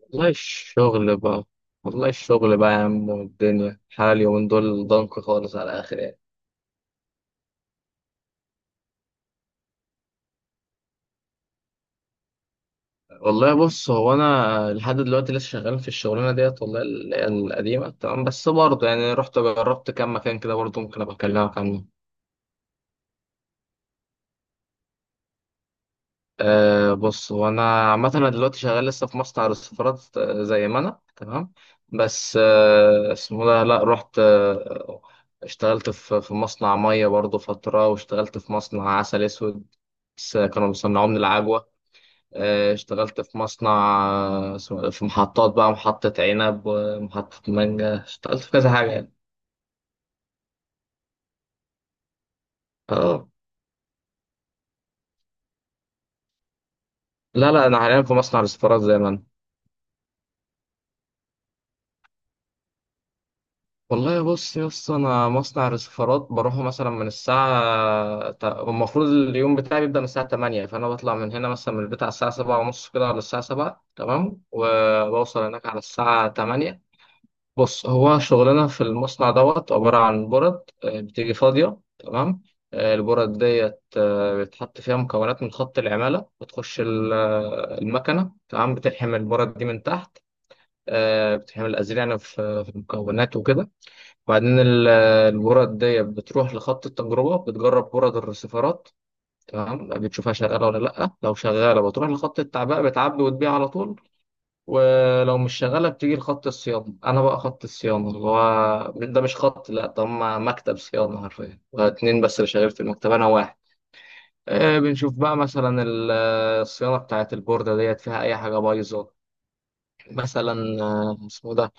والله الشغل بقى والله الشغل بقى يا عم، والدنيا حالي ومن دول ضنك خالص على الاخر يعني. والله بص، هو انا لحد دلوقتي لسه شغال في الشغلانه ديت، والله اللي هي القديمه، تمام، بس برضه يعني رحت جربت كام مكان كده، برضه ممكن ابقى اكلمك عنه. أه بص، هو انا عامه انا دلوقتي شغال لسه في مصنع رصفارات، زي ما انا، تمام. بس أه اسمه ده، لا رحت أه اشتغلت في مصنع ميه برضه فتره، واشتغلت في مصنع عسل اسود، بس كانوا بيصنعوه من العجوه. أه اشتغلت في مصنع، في محطات بقى، محطه عنب ومحطه مانجا، اشتغلت في كذا حاجه يعني. اه، لا لا انا حاليا في مصنع رصفارات، زي ما انا. والله بص يا اسطى، انا مصنع رسيفرات بروحه مثلا من المفروض اليوم بتاعي بيبدا من الساعه 8، فانا بطلع من هنا مثلا من البيت على الساعه 7 ونص كده، ولا الساعه 7 تمام، وبوصل هناك على الساعه 8. بص، هو شغلنا في المصنع دوت عباره عن برد، بتيجي فاضيه تمام. البرد ديت بتحط فيها مكونات من خط العماله، بتخش المكنه، تمام، بتلحم البرد دي من تحت. بتلحم الازرع يعني في المكونات وكده. وبعدين الورد دي بتروح لخط التجربة، بتجرب ورد الرسيفرات، تمام، بتشوفها شغالة ولا لأ. لو شغالة بتروح لخط التعبئة، بتعبي وتبيع على طول. ولو مش شغالة بتيجي لخط الصيانة. أنا بقى خط الصيانة اللي هو ده، مش خط لأ، ده هما مكتب صيانة حرفيا، اتنين بس اللي شغال في المكتب، أنا واحد. بنشوف بقى مثلا الصيانة بتاعت البوردة ديت فيها أي حاجة بايظة. مثلا آه، اسمه ده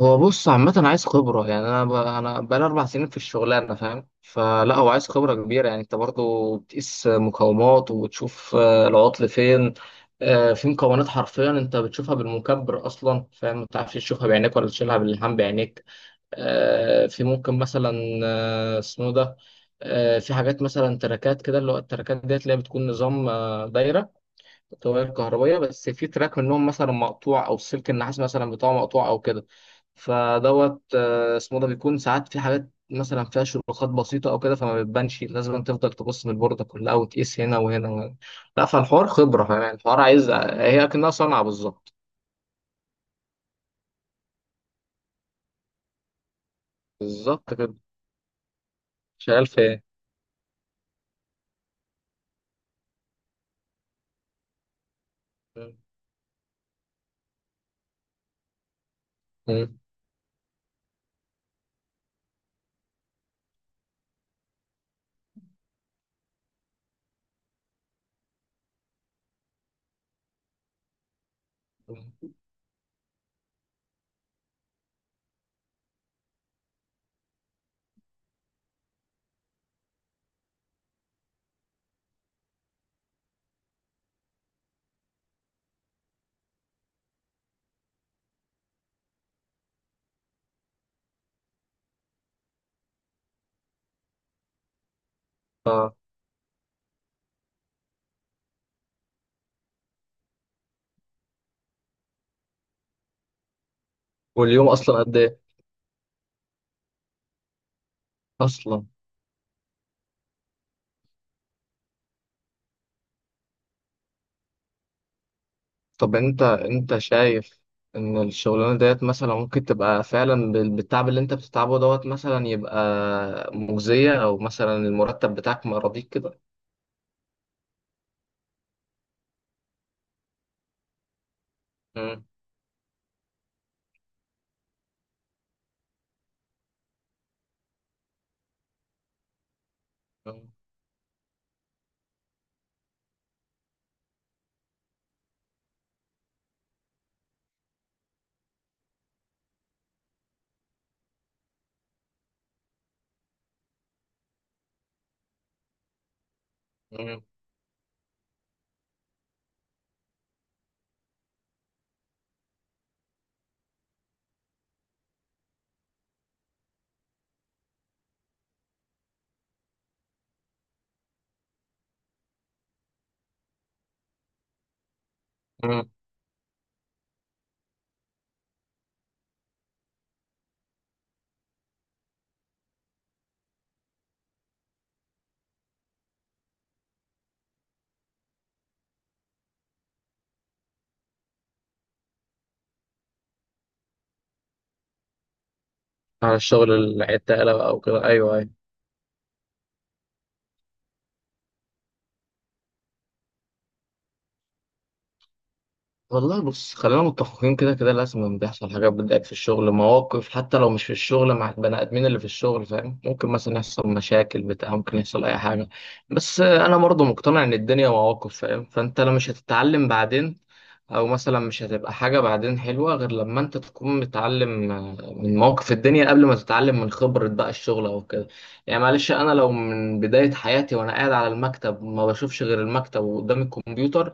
هو بص، عامة عايز خبرة يعني. أنا أنا بقالي 4 سنين في الشغلانة، فاهم؟ فلا هو عايز خبرة كبيرة يعني، أنت برضو بتقيس مقاومات وبتشوف العطل فين. في مكونات حرفيا أنت بتشوفها بالمكبر أصلا، فاهم؟ ما بتعرفش تشوفها بعينيك ولا تشيلها باللحام بعينيك. في ممكن مثلا آه، اسمه ده آه، في حاجات مثلا تراكات كده، اللي هو التراكات ديت اللي هي بتكون نظام دايرة، طوابير كهربية. بس في تراك منهم مثلا مقطوع، أو سلك النحاس مثلا بتاعه مقطوع أو كده. فدوت آه، اسمه ده بيكون ساعات في حاجات مثلا فيها شروخات بسيطة أو كده، فما بتبانش. لازم تفضل تبص من البوردة كلها وتقيس هنا وهنا وهنا. لا، فالحوار خبرة يعني، الحوار عايز هي أكنها صنعة بالظبط. بالظبط كده. شغال في إيه؟ مم. مم. آه. واليوم أصلا قد إيه؟ أصلا طب انت، انت شايف ان الشغلانه ديت مثلا ممكن تبقى فعلا بالتعب اللي انت بتتعبه دوت، مثلا يبقى مجزيه، او مثلا المرتب بتاعك ما يراضيك كده؟ مم. مم. مم. مم. على الشغل العتاله بقى او كده، ايوه ايوه. والله بص، خلينا متفقين كده، كده لازم بيحصل حاجات بتضايق في الشغل، مواقف، حتى لو مش في الشغل مع البني ادمين اللي في الشغل، فاهم؟ ممكن مثلا يحصل مشاكل بتاع، ممكن يحصل اي حاجه. بس انا برضه مقتنع ان الدنيا مواقف، فاهم؟ فانت لو مش هتتعلم بعدين، او مثلا مش هتبقى حاجة بعدين حلوة غير لما انت تكون متعلم من مواقف الدنيا، قبل ما تتعلم من خبرة بقى الشغل او كده. يعني معلش، انا لو من بداية حياتي وانا قاعد على المكتب ما بشوفش غير المكتب وقدام الكمبيوتر،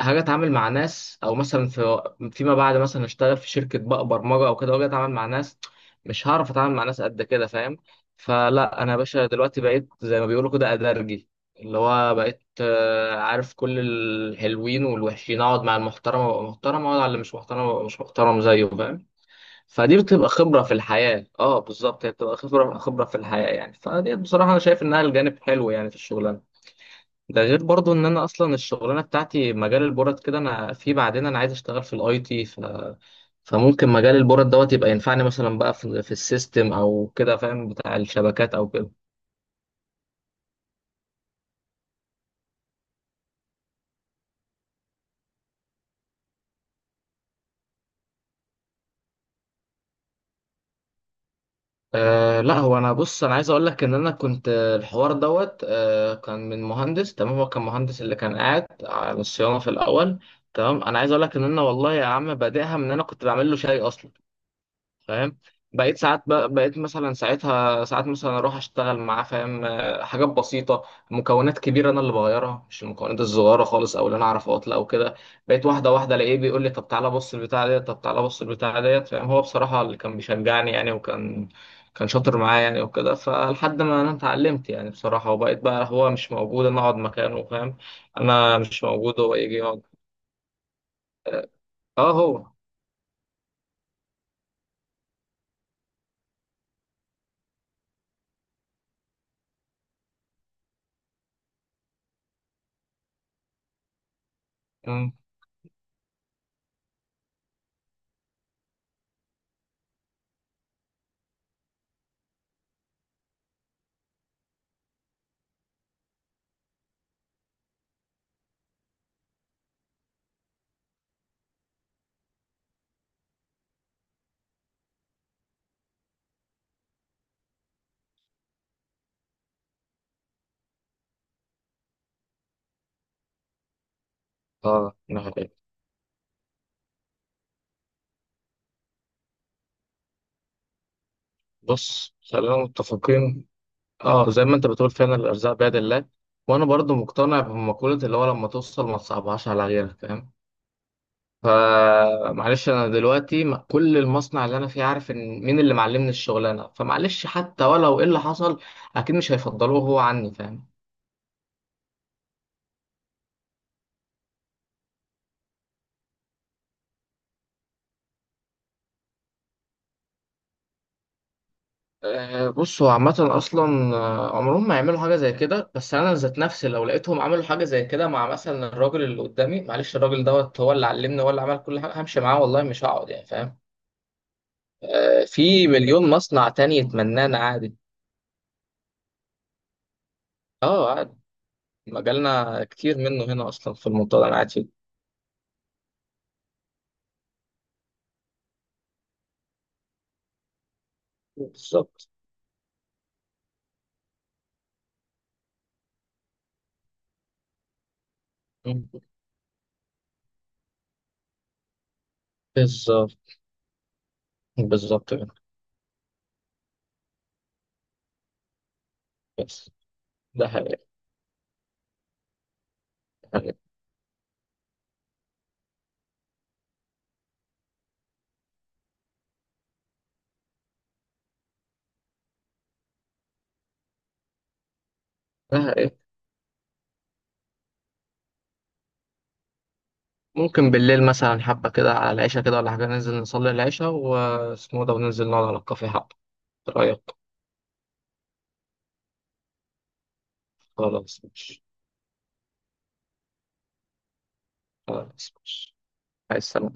هاجي اتعامل مع ناس؟ او مثلا في فيما بعد مثلا اشتغل في شركه بقى برمجه او كده واجي اتعامل مع ناس، مش هعرف اتعامل مع ناس قد كده، فاهم؟ فلا انا يا باشا دلوقتي بقيت زي ما بيقولوا كده ادرجي، اللي هو بقيت عارف كل الحلوين والوحشين، اقعد مع المحترم وابقى محترم، اقعد على اللي مش محترم وابقى مش محترم زيه، فاهم؟ فدي بتبقى خبره في الحياه. اه بالظبط، هي بتبقى خبره، خبره في الحياه يعني. فدي بصراحه انا شايف انها الجانب حلو يعني في الشغل. ده غير برضو ان انا اصلا الشغلانه بتاعتي مجال البورد كده، انا في بعدين انا عايز اشتغل في الاي تي، ف فممكن مجال البورد دوت يبقى ينفعني مثلا بقى في, السيستم او كده، فاهم، بتاع الشبكات او كده. أه لا، هو انا بص، انا عايز اقول لك ان انا كنت الحوار دوت أه كان من مهندس، تمام، هو كان مهندس اللي كان قاعد على الصيانه في الاول، تمام. انا عايز اقول لك ان انا والله يا عم بادئها من إن انا كنت بعمل له شاي اصلا، فاهم؟ بقيت ساعات بقيت مثلا ساعتها ساعات مثلا اروح اشتغل معاه، فاهم؟ حاجات بسيطه، مكونات كبيره انا اللي بغيرها، مش المكونات الصغيره خالص، او اللي انا اعرف اطلع او كده. بقيت واحده واحده الاقيه بيقول لي طب تعالى بص البتاع ديت، طب تعالى بص البتاع ديت، فاهم؟ هو بصراحه اللي كان بيشجعني يعني، وكان كان شاطر معايا يعني وكده، فلحد ما انا اتعلمت يعني بصراحه، وبقيت بقى هو مش موجود انا اقعد مكانه، فاهم؟ انا مش موجود هو يجي يقعد. اه هو. مم. اه نعم. بص خلينا متفقين. اه، زي ما انت بتقول فعلا، الارزاق بيد الله. وانا برضو مقتنع بمقولة اللي هو لما توصل ما تصعبهاش على غيرك، فاهم؟ فمعلش، انا دلوقتي كل المصنع اللي انا فيه عارف ان مين اللي معلمني الشغلانه، فمعلش حتى ولو ايه اللي حصل، اكيد مش هيفضلوه هو عني، فاهم؟ أه بص، هو عامة أصلا عمرهم ما يعملوا حاجة زي كده. بس أنا ذات نفسي لو لقيتهم عملوا حاجة زي كده مع مثلا الراجل اللي قدامي، معلش الراجل دوت هو اللي علمني، هو اللي عمل كل حاجة، همشي معاه والله، مش هقعد يعني، فاهم؟ في مليون مصنع تاني يتمنانا عادي. اه عادي. مجالنا كتير منه هنا اصلا في المنطقه اللي انا قاعد فيها. بالظبط. مم. بالظبط. بالظبط كده. بس ده حقيقي. حقيقي. ده حقيقي. ممكن بالليل مثلا حبه كده على العشاء كده ولا حاجه، ننزل نصلي العشاء واسمه ده، وننزل نقعد على الكافيه حبه، إيه رايك؟ خلاص ماشي. خلاص ماشي. عايز سلام.